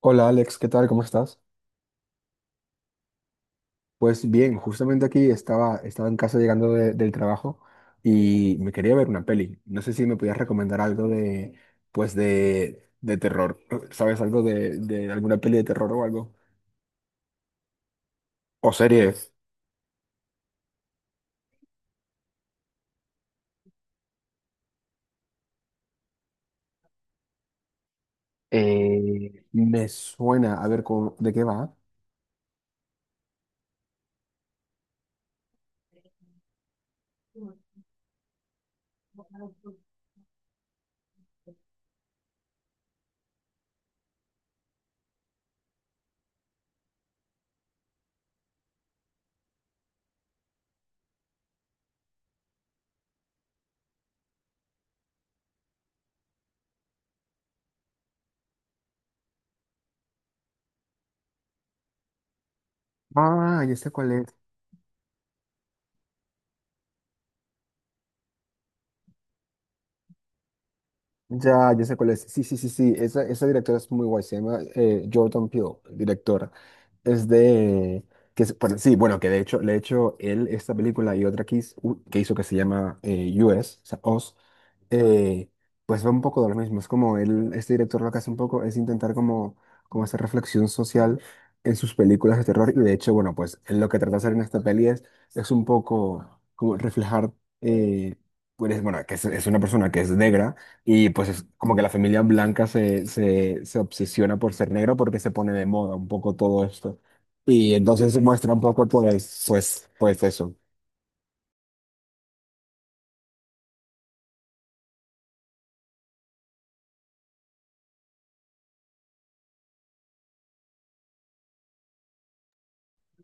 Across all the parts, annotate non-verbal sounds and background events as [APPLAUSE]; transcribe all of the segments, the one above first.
Hola Alex, ¿qué tal? ¿Cómo estás? Pues bien, justamente aquí estaba, en casa llegando del trabajo y me quería ver una peli. No sé si me podías recomendar algo de, pues de, terror. ¿Sabes algo de alguna peli de terror o algo? O series. Me suena, a ver, ¿de qué va? Ah, ya sé cuál es. Ya, ya sé cuál es. Sí, sí, sí, sí. Esa directora es muy guay. Se llama Jordan Peele, directora. Es de... Bueno, sí, bueno, que de hecho, le he hecho él esta película y otra que hizo, que hizo que se llama US, o sea, Oz, eh, pues va un poco de lo mismo. Es como él, este director lo que hace un poco es intentar como, como hacer reflexión social en sus películas de terror. Y de hecho, bueno, pues él lo que trata de hacer en esta peli es un poco como reflejar, eh, pues, bueno, que es una persona que es negra y pues es como que la familia blanca se obsesiona por ser negro porque se pone de moda un poco todo esto. Y entonces muestra un poco pues, pues eso.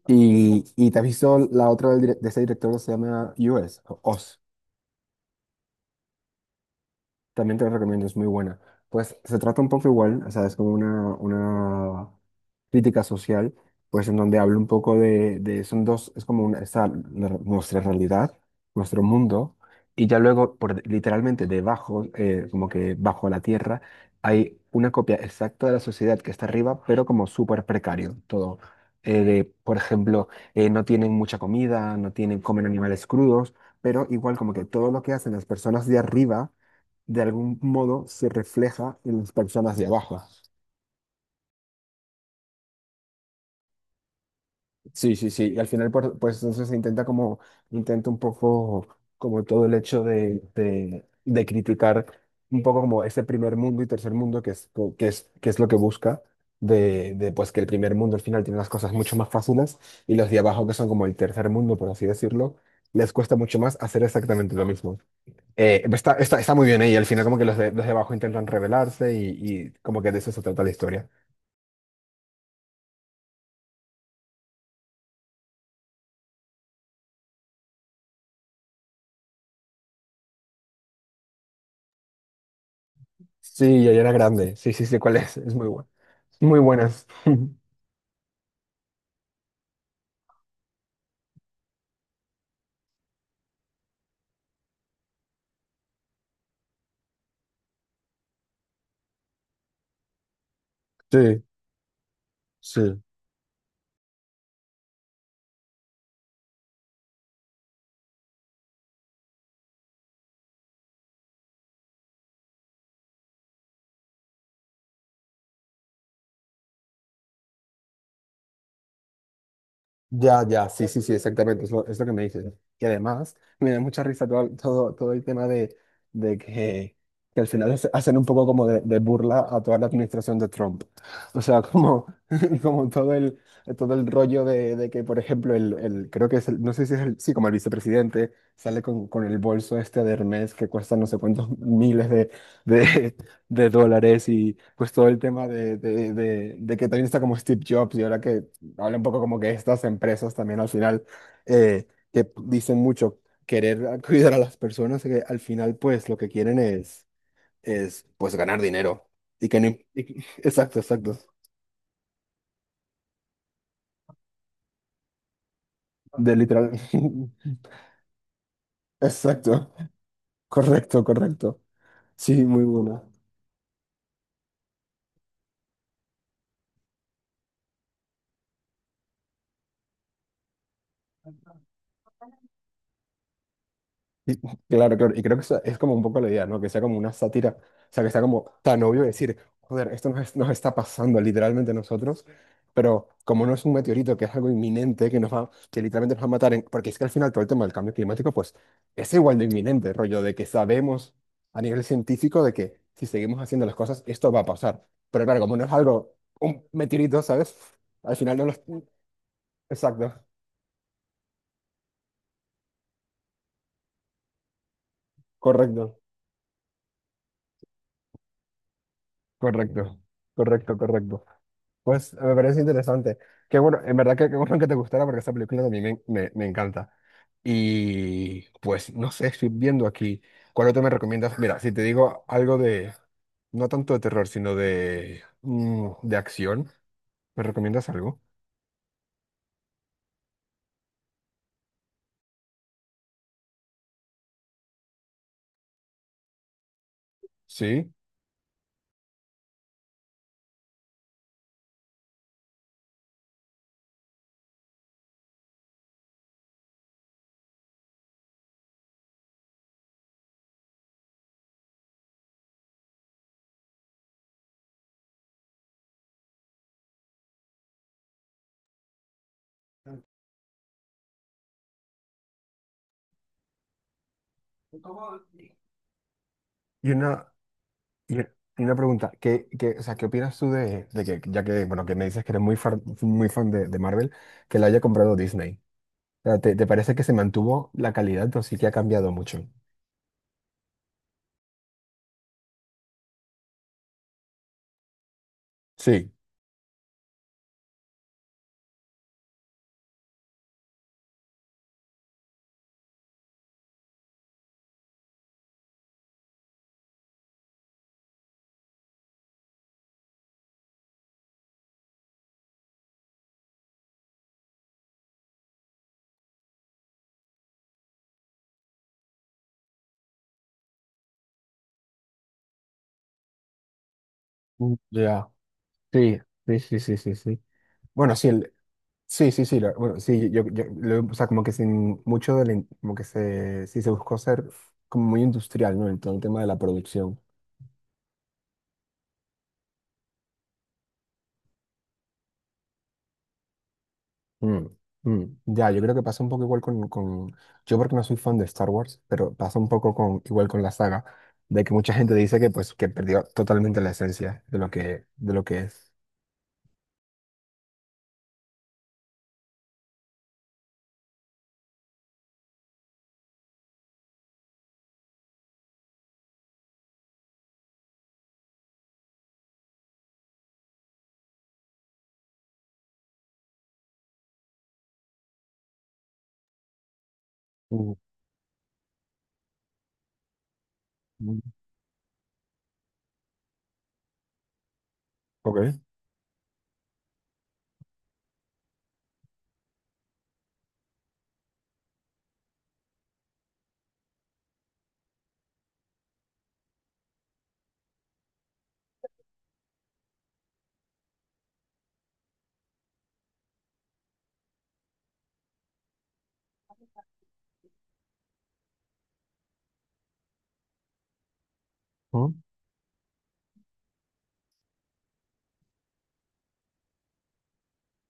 Y te has visto la otra de ese director que se llama US, o Oz. También te la recomiendo, es muy buena. Pues se trata un poco igual, o sea, es como una crítica social, pues en donde habla un poco de, son dos, es como una, nuestra realidad, nuestro mundo, y ya luego, literalmente debajo, como que bajo la tierra, hay una copia exacta de la sociedad que está arriba, pero como súper precario todo. De, por ejemplo, no tienen mucha comida, no tienen, comen animales crudos, pero igual como que todo lo que hacen las personas de arriba, de algún modo se refleja en las personas de abajo. Sí, sí, sí. Y al final, pues entonces se intenta como, intenta un poco como todo el hecho de criticar un poco como ese primer mundo y tercer mundo que es, que es, que es lo que busca. De pues que el primer mundo al final tiene las cosas mucho más fáciles y los de abajo que son como el tercer mundo, por así decirlo, les cuesta mucho más hacer exactamente lo mismo. Está muy bien ahí, al final como que los de abajo intentan rebelarse y como que de eso se trata la historia. Sí, ya era grande. Sí, sí, sí, cuál es. Es muy buena. Muy buenas. [LAUGHS] Sí, sí. Ya, ya, sí, sí, sí, exactamente, es lo que me dices. Y además, me da mucha risa todo, todo, todo el tema de que al final hacen un poco como de burla a toda la administración de Trump. O sea, como, [LAUGHS] como todo el rollo de que, por ejemplo, el, creo que es el, no sé si es el, sí, como el vicepresidente sale con el bolso este de Hermes que cuesta no sé cuántos miles de, de dólares y pues todo el tema de, de que también está como Steve Jobs y ahora que habla un poco como que estas empresas también al final, eh, que dicen mucho querer [LAUGHS] cuidar a las personas, que al final pues lo que quieren es pues ganar dinero. Y que no... y que- [LAUGHS] Exacto, exacto. De literal. [LAUGHS] Exacto. Correcto, correcto. Sí, muy buena. Y- claro, claro, y creo que esa es como un poco la idea, ¿no? Que sea como una sátira, o sea, que sea como tan obvio decir, joder, esto nos, nos está pasando literalmente a nosotros, pero como no es un meteorito, que es algo inminente, que nos va, que literalmente nos va a matar, porque es que al final todo el tema del cambio climático, pues es igual de inminente, rollo, de que sabemos a nivel científico de que si seguimos haciendo las cosas, esto va a pasar. Pero claro, como no es algo, un meteorito, ¿sabes? Al final no lo... Exacto, correcto. Correcto, correcto, correcto. Pues me parece interesante. Qué bueno, en verdad que qué bueno que te gustara porque esa película también me, me encanta. Y pues no sé, estoy viendo aquí. ¿Cuál otro me recomiendas? Mira, si te digo algo de, no tanto de terror, sino de, de acción, ¿me recomiendas algo? Sí. Y una, y y una pregunta, ¿qué, qué, o sea, ¿qué opinas tú de que, ya que, bueno, que me dices que eres muy fan de Marvel, que la haya comprado Disney? O sea, ¿te, te parece que se mantuvo la calidad o sí que ha cambiado mucho? Sí. Mm. Ya. Sí, sí, sí, sí, sí, sí. Bueno, sí, el, sí, sí, sí, bueno, sí, yo, o sea, como que sin mucho del, como que se, sí se buscó ser como muy industrial, ¿no? En todo el tema de la producción. Mm, mm. Ya, yo creo que pasa un poco igual con, yo porque no soy fan de Star Wars, pero pasa un poco con, igual con la saga, de que mucha gente dice que, pues, que perdió totalmente la esencia de lo que es. Mm, mm. Ok.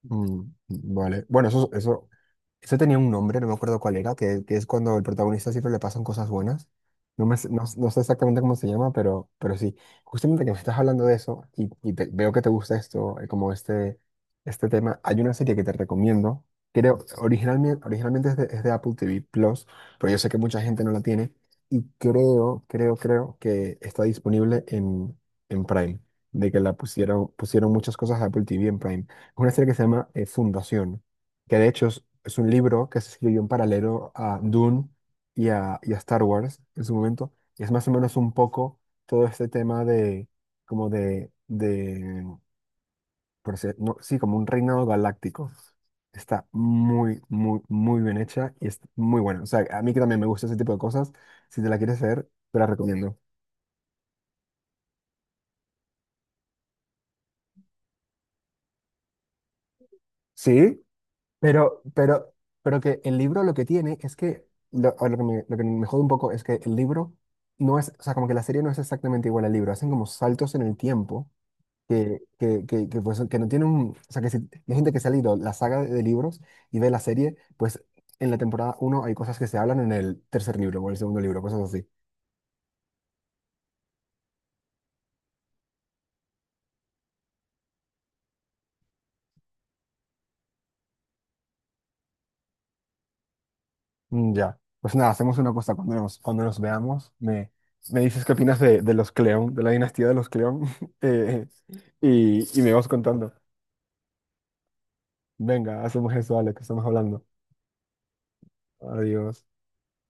Mm, vale. Bueno, eso tenía un nombre, no me acuerdo cuál era, que es cuando el protagonista siempre le pasan cosas buenas. No, me, no, no sé exactamente cómo se llama, pero sí. Justamente que me estás hablando de eso y, veo que te gusta esto, como este tema, hay una serie que te recomiendo. Creo, originalmente, originalmente es de Apple TV Plus, pero yo sé que mucha gente no la tiene y creo, creo, creo que está disponible en Prime, de que la pusieron, pusieron muchas cosas de Apple TV en Prime, una serie que se llama Fundación, que de hecho es un libro que se escribió en paralelo a Dune y a Star Wars en su momento, y es más o menos un poco todo este tema de, como de no, sí, como un reinado galáctico. Está muy, muy, muy bien hecha y es muy buena. O sea, a mí que también me gusta ese tipo de cosas, si te la quieres ver, te la recomiendo. Sí. Pero, pero, pero que el libro lo que tiene es que, lo, o lo que me jode un poco es que el libro no es, o sea, como que la serie no es exactamente igual al libro, hacen como saltos en el tiempo que, pues, que no tienen, o sea, que si, hay gente que se ha leído la saga de libros y ve la serie, pues en la temporada uno hay cosas que se hablan en el tercer libro o el segundo libro, cosas así. Mm, ya, pues nada, hacemos una cosa, cuando nos veamos, me dices qué opinas de los Cleón, de la dinastía de los Cleón, [LAUGHS] eh, y me vas contando. Venga, hacemos eso, Alex, que estamos hablando. Adiós.